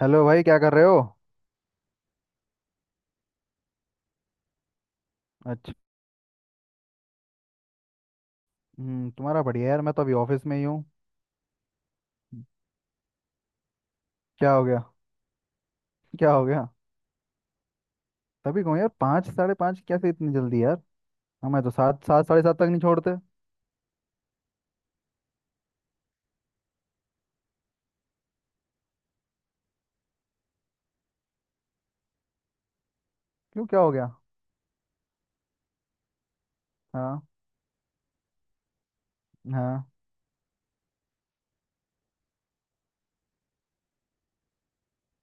Hello भाई, क्या कर रहे हो? अच्छा। तुम्हारा बढ़िया यार। मैं तो अभी ऑफिस में ही हूँ। क्या हो गया? क्या हो गया? तभी कहूँ यार, पाँच साढ़े पाँच कैसे, इतनी जल्दी यार। हमें तो सात, सात साढ़े सात तक नहीं छोड़ते। क्यों? क्या हो गया? हाँ, हाँ।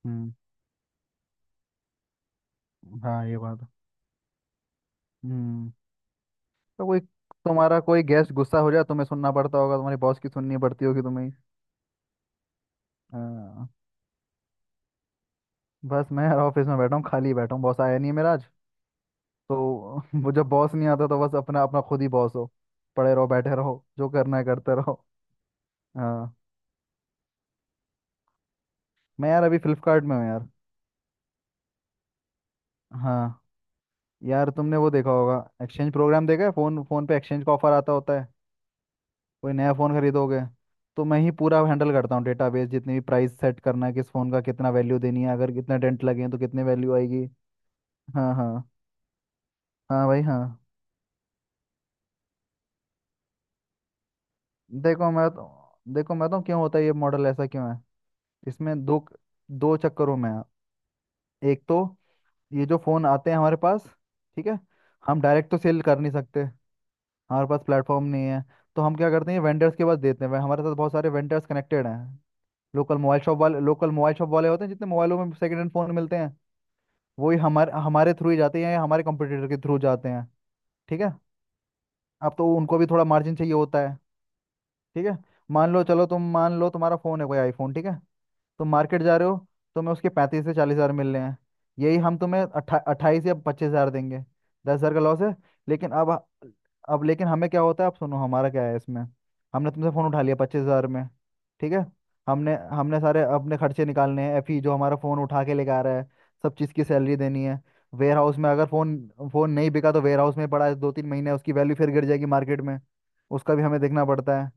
हम्म। हाँ, ये बात है। हम्म। तो कोई तुम्हारा कोई गेस्ट गुस्सा हो जाए, तुम्हें सुनना पड़ता होगा, तुम्हारी बॉस की सुननी पड़ती होगी तुम्हें। हाँ। बस मैं यार ऑफिस में बैठा हूँ, खाली बैठा हूँ, बॉस आया नहीं है मेरा आज। तो वो जब बॉस नहीं आता तो बस अपना अपना खुद ही बॉस हो, पड़े रहो, बैठे रहो, जो करना है करते रहो। हाँ। मैं यार अभी फ्लिपकार्ट में हूँ यार। हाँ यार, तुमने वो देखा होगा, एक्सचेंज प्रोग्राम देखा है, फ़ोन फ़ोन पे एक्सचेंज का ऑफर आता होता है। कोई नया फ़ोन खरीदोगे? तो मैं ही पूरा हैंडल करता हूँ डेटाबेस। जितनी भी प्राइस सेट करना है, किस फ़ोन का कितना वैल्यू देनी है, अगर कितने डेंट लगे हैं तो कितनी वैल्यू आएगी। हाँ, हाँ। हाँ भाई, हाँ। देखो मैं तो देखो मैं तो, क्यों होता है ये मॉडल ऐसा क्यों है? इसमें दो दो चक्करों में है। एक तो, ये जो फ़ोन आते हैं हमारे पास, ठीक है, हम डायरेक्ट तो सेल कर नहीं सकते, हमारे पास प्लेटफॉर्म नहीं है। तो हम क्या करते हैं, वेंडर्स के पास देते हैं। हमारे साथ बहुत सारे वेंडर्स कनेक्टेड हैं। लोकल मोबाइल शॉप वाले होते हैं, जितने मोबाइलों में सेकंड हैंड फ़ोन मिलते हैं, वही हमारे हमारे थ्रू ही जाते हैं या हमारे कंपटीटर के थ्रू जाते हैं। ठीक है। अब तो उनको भी थोड़ा मार्जिन चाहिए होता है। ठीक है, मान लो, चलो तुम मान लो तुम्हारा फोन है कोई आईफोन, ठीक है, तुम मार्केट जा रहे हो, तुम्हें उसके 35 से 40 हजार मिल रहे हैं। यही हम तुम्हें 28 या 25 हजार देंगे। 10 हजार का लॉस है। लेकिन अब लेकिन हमें क्या होता है, अब सुनो हमारा क्या है इसमें। हमने तुमसे फ़ोन उठा लिया 25 हजार में। ठीक है। हमने हमने सारे अपने खर्चे निकालने हैं, एफी जो हमारा फ़ोन उठा के लेके आ रहा है, सब चीज़ की सैलरी देनी है। वेयर हाउस में अगर फ़ोन फ़ोन नहीं बिका तो वेयर हाउस में पड़ा है 2 3 महीने, उसकी वैल्यू फिर गिर जाएगी मार्केट में। उसका भी हमें देखना पड़ता है।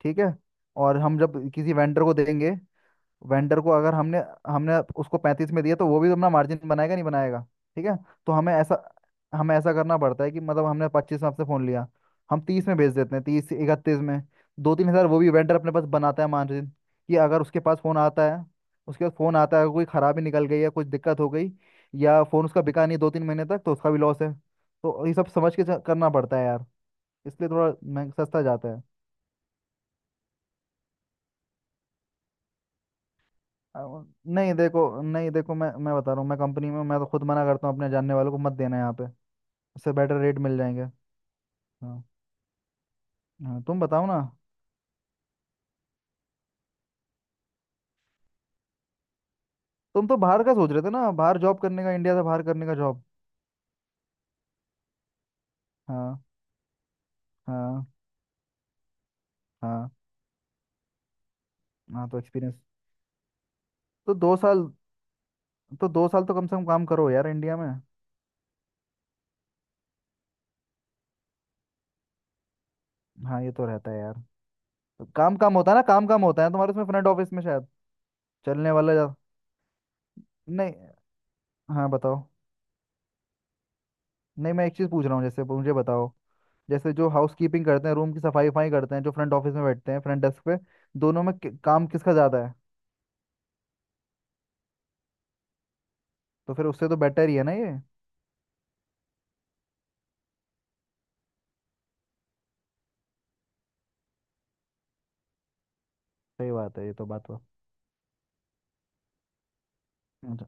ठीक है। और हम जब किसी वेंडर को देंगे, वेंडर को अगर हमने हमने उसको 35 में दिया, तो वो भी अपना मार्जिन बनाएगा नहीं बनाएगा? ठीक है। तो हमें ऐसा करना पड़ता है कि मतलब हमने 25 में आपसे फ़ोन लिया, हम 30 में बेच देते हैं, 30 31 में। 2 3 हज़ार वो भी वेंडर अपने पास बनाता है, मार्जिन, कि अगर उसके पास फ़ोन आता है, उसके पास फ़ोन आता है कोई ख़राबी निकल गई या कुछ दिक्कत हो गई, या फ़ोन उसका बिका नहीं 2 3 महीने तक, तो उसका भी लॉस है। तो ये सब समझ के करना पड़ता है यार। इसलिए थोड़ा महंग सस्ता जाता है। अब नहीं देखो, मैं बता रहा हूँ, मैं कंपनी में हूँ, मैं तो खुद मना करता हूँ अपने जानने वालों को, मत देना यहाँ पे, उससे बेटर रेट मिल जाएंगे। हाँ, हाँ। तुम बताओ ना। तुम तो बाहर का सोच रहे थे ना, बाहर जॉब करने का, इंडिया से बाहर करने का जॉब। हाँ, हाँ, हाँ, हाँ। तो एक्सपीरियंस, तो दो साल तो दो साल तो कम से कम काम करो यार इंडिया में। हाँ, ये तो रहता है यार। तो काम काम होता है ना, काम काम होता है, तुम्हारे उसमें फ्रंट ऑफिस में शायद चलने वाला जा। नहीं। हाँ, बताओ। नहीं, मैं एक चीज़ पूछ रहा हूँ, जैसे मुझे बताओ, जैसे जो हाउस कीपिंग करते हैं रूम की सफाई वफाई करते हैं, जो फ्रंट ऑफिस में बैठते हैं फ्रंट डेस्क पे, दोनों में काम किसका ज़्यादा है? तो फिर उससे तो बेटर ही है ना ये? सही बात है, ये तो बात हुआ। अच्छा,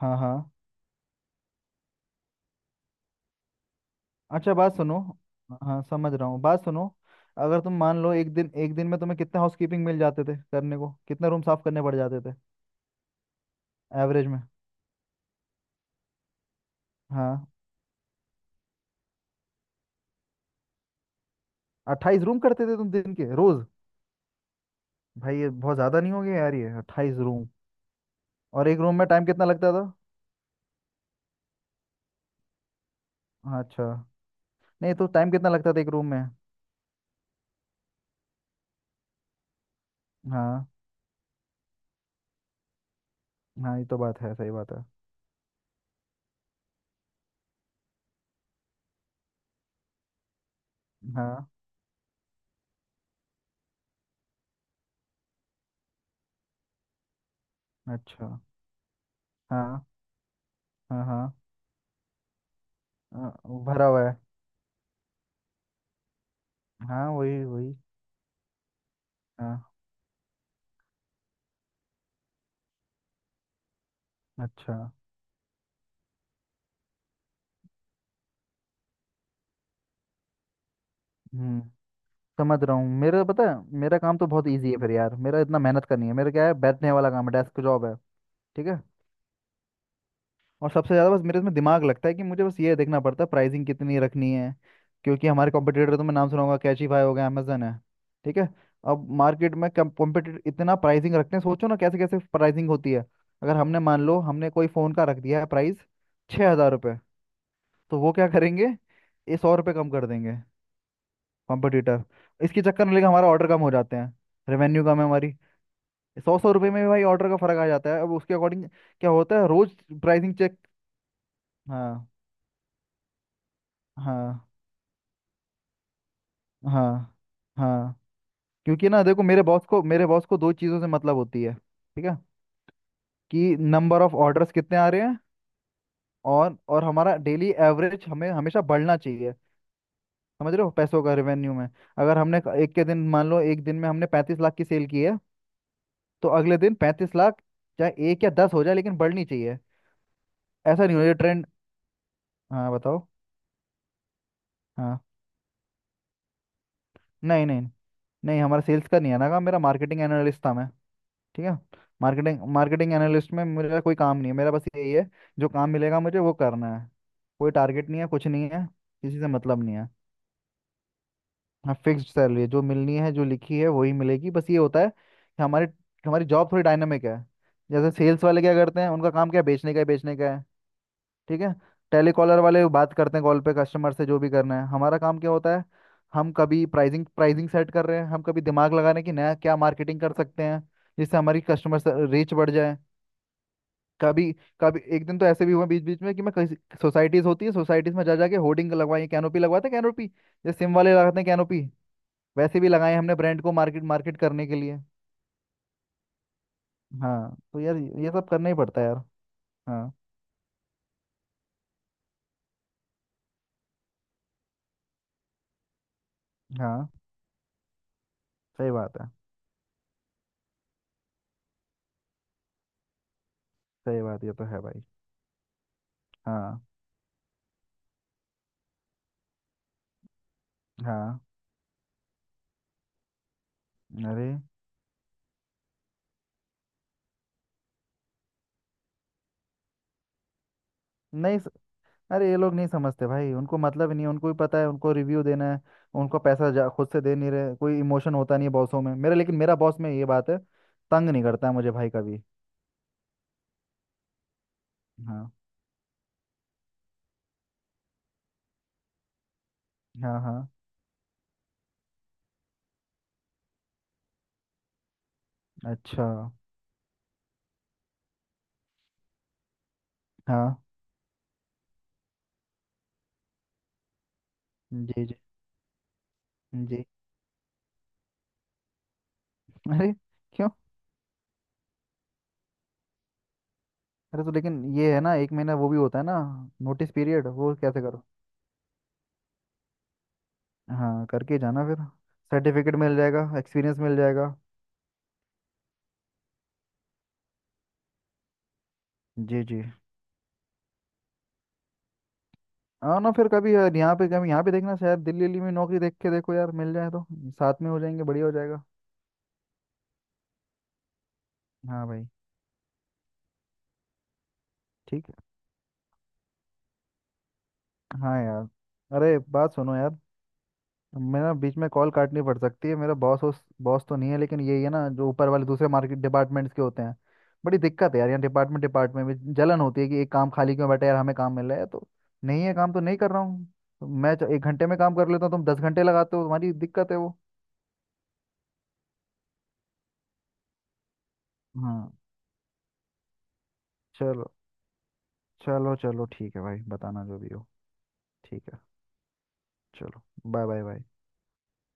हाँ, हाँ, अच्छा, बात सुनो। हाँ, समझ रहा हूँ, बात सुनो। अगर तुम मान लो एक दिन, एक दिन में तुम्हें कितने हाउस कीपिंग मिल जाते थे करने को, कितने रूम साफ करने पड़ जाते थे? एवरेज में। हाँ। 28 रूम करते थे तुम दिन के, रोज? भाई ये बहुत ज़्यादा नहीं हो गया यार, ये 28 रूम? और एक रूम में टाइम कितना लगता था? हाँ, अच्छा। नहीं तो टाइम कितना लगता था एक रूम में? हाँ, हाँ, ये तो बात है, सही बात है। हाँ, अच्छा, हाँ, हाँ, हाँ। भरा हुआ है। हाँ, वही वही। हाँ। अच्छा। हम्म समझ रहा हूँ, मेरा पता है, मेरा काम तो बहुत इजी है फिर यार, मेरा इतना मेहनत करनी है, मेरा क्या है, बैठने वाला काम है, डेस्क जॉब है। ठीक है। और सबसे ज़्यादा बस मेरे इसमें दिमाग लगता है कि मुझे बस ये देखना पड़ता है प्राइसिंग कितनी रखनी है, क्योंकि हमारे कॉम्पिटिटर तो, मैं नाम सुना होगा, कैचीफाई हो गया, अमेजन है। ठीक है। अब मार्केट में कॉम्पिटिटर इतना प्राइसिंग रखते हैं, सोचो ना कैसे कैसे प्राइसिंग होती है। अगर हमने मान लो हमने कोई फ़ोन का रख दिया है प्राइस 6 हज़ार रुपये, तो वो क्या करेंगे? ये 100 रुपये कम कर देंगे, कॉम्पिटिटर। इसके चक्कर में लेकिन हमारा ऑर्डर कम हो जाते हैं, रेवेन्यू कम है हमारी। सौ सौ रुपये में भी भाई ऑर्डर का फ़र्क आ जाता है। अब उसके अकॉर्डिंग क्या होता है, रोज़ प्राइसिंग चेक। हाँ, हाँ, हाँ, हाँ। क्योंकि ना देखो, मेरे बॉस को दो चीज़ों से मतलब होती है, ठीक है, कि नंबर ऑफ ऑर्डर्स कितने आ रहे हैं, और हमारा डेली एवरेज हमें हमेशा बढ़ना चाहिए, समझ रहे हो, पैसों का रेवेन्यू में। अगर हमने क- एक के दिन मान लो एक दिन में हमने 35 लाख की सेल की है, तो अगले दिन 35 लाख, चाहे एक या दस हो जाए लेकिन बढ़नी चाहिए, ऐसा नहीं हो ये ट्रेंड। हाँ, बताओ। हाँ, नहीं, नहीं, नहीं, हमारा सेल्स का नहीं है ना काम, मेरा मार्केटिंग एनालिस्ट था मैं। ठीक है। मार्केटिंग मार्केटिंग एनालिस्ट में मेरा कोई काम नहीं है, मेरा बस यही है, जो काम मिलेगा मुझे वो करना है, कोई टारगेट नहीं है, कुछ नहीं है, किसी से मतलब नहीं है। हाँ, फिक्स्ड सैलरी जो मिलनी है जो लिखी है वही मिलेगी। बस ये होता है कि हमारी हमारी जॉब थोड़ी डायनामिक है। जैसे सेल्स वाले क्या करते हैं, उनका काम क्या है, बेचने का है, बेचने का है। ठीक है। टेलीकॉलर वाले बात करते हैं कॉल पे कस्टमर से, जो भी करना है, हमारा काम क्या होता है, हम कभी प्राइसिंग प्राइसिंग सेट कर रहे हैं, हम कभी दिमाग लगा रहे हैं कि नया क्या मार्केटिंग कर सकते हैं जिससे हमारी कस्टमर रीच बढ़ जाए। कभी, कभी एक दिन तो ऐसे भी हुआ बीच बीच में कि मैं कहीं सोसाइटीज होती है, सोसाइटीज में जा जाके होर्डिंग लगवाई, कैनोपी लगवाते हैं कैनोपी, जैसे सिम वाले लगाते हैं कैनोपी, वैसे भी लगाए हैं हमने ब्रांड को मार्केट मार्केट करने के लिए। हाँ, तो यार ये सब करना ही पड़ता है यार। हाँ, हाँ, सही बात है, सही बात ये तो है भाई। हाँ, हाँ। अरे, नहीं स- अरे ये लोग नहीं समझते भाई, उनको मतलब ही नहीं है, उनको भी पता है उनको रिव्यू देना है, उनको पैसा जा खुद से दे नहीं रहे, कोई इमोशन होता नहीं है बॉसों में मेरे, लेकिन मेरा बॉस में ये बात है, तंग नहीं करता है मुझे भाई कभी। हाँ, हाँ, हाँ, अच्छा, हाँ, जी, जी, जी। अरे, क्यों? अरे तो लेकिन ये है ना, 1 महीना वो भी होता है ना, नोटिस पीरियड वो कैसे करो? हाँ, करके जाना फिर, सर्टिफिकेट मिल जाएगा, एक्सपीरियंस मिल जाएगा। जी, जी। हाँ ना, फिर कभी यार यहाँ पे, कभी यहाँ पे देखना शायद, दिल्ली दिल्ली में नौकरी देख के देखो यार, मिल जाए तो साथ में हो जाएंगे, बढ़िया हो जाएगा। हाँ भाई, ठीक है। हाँ यार। अरे बात सुनो यार, मैं ना बीच में कॉल काटनी पड़ सकती है, मेरा बॉस उस बॉस तो नहीं है लेकिन यही है ना जो ऊपर वाले दूसरे मार्केट डिपार्टमेंट्स के होते हैं। बड़ी दिक्कत है यार, यहाँ डिपार्टमेंट डिपार्टमेंट में जलन होती है कि एक काम खाली क्यों बैठा है यार, हमें काम मिल रहा है तो। नहीं है, काम तो नहीं कर रहा हूँ। तो मैं 1 घंटे में काम कर लेता हूँ, तुम 10 घंटे लगाते हो, तुम्हारी दिक्कत है वो। हाँ, चलो, चलो, चलो, ठीक है भाई, बताना जो भी हो। ठीक है। चलो। Bye bye bye.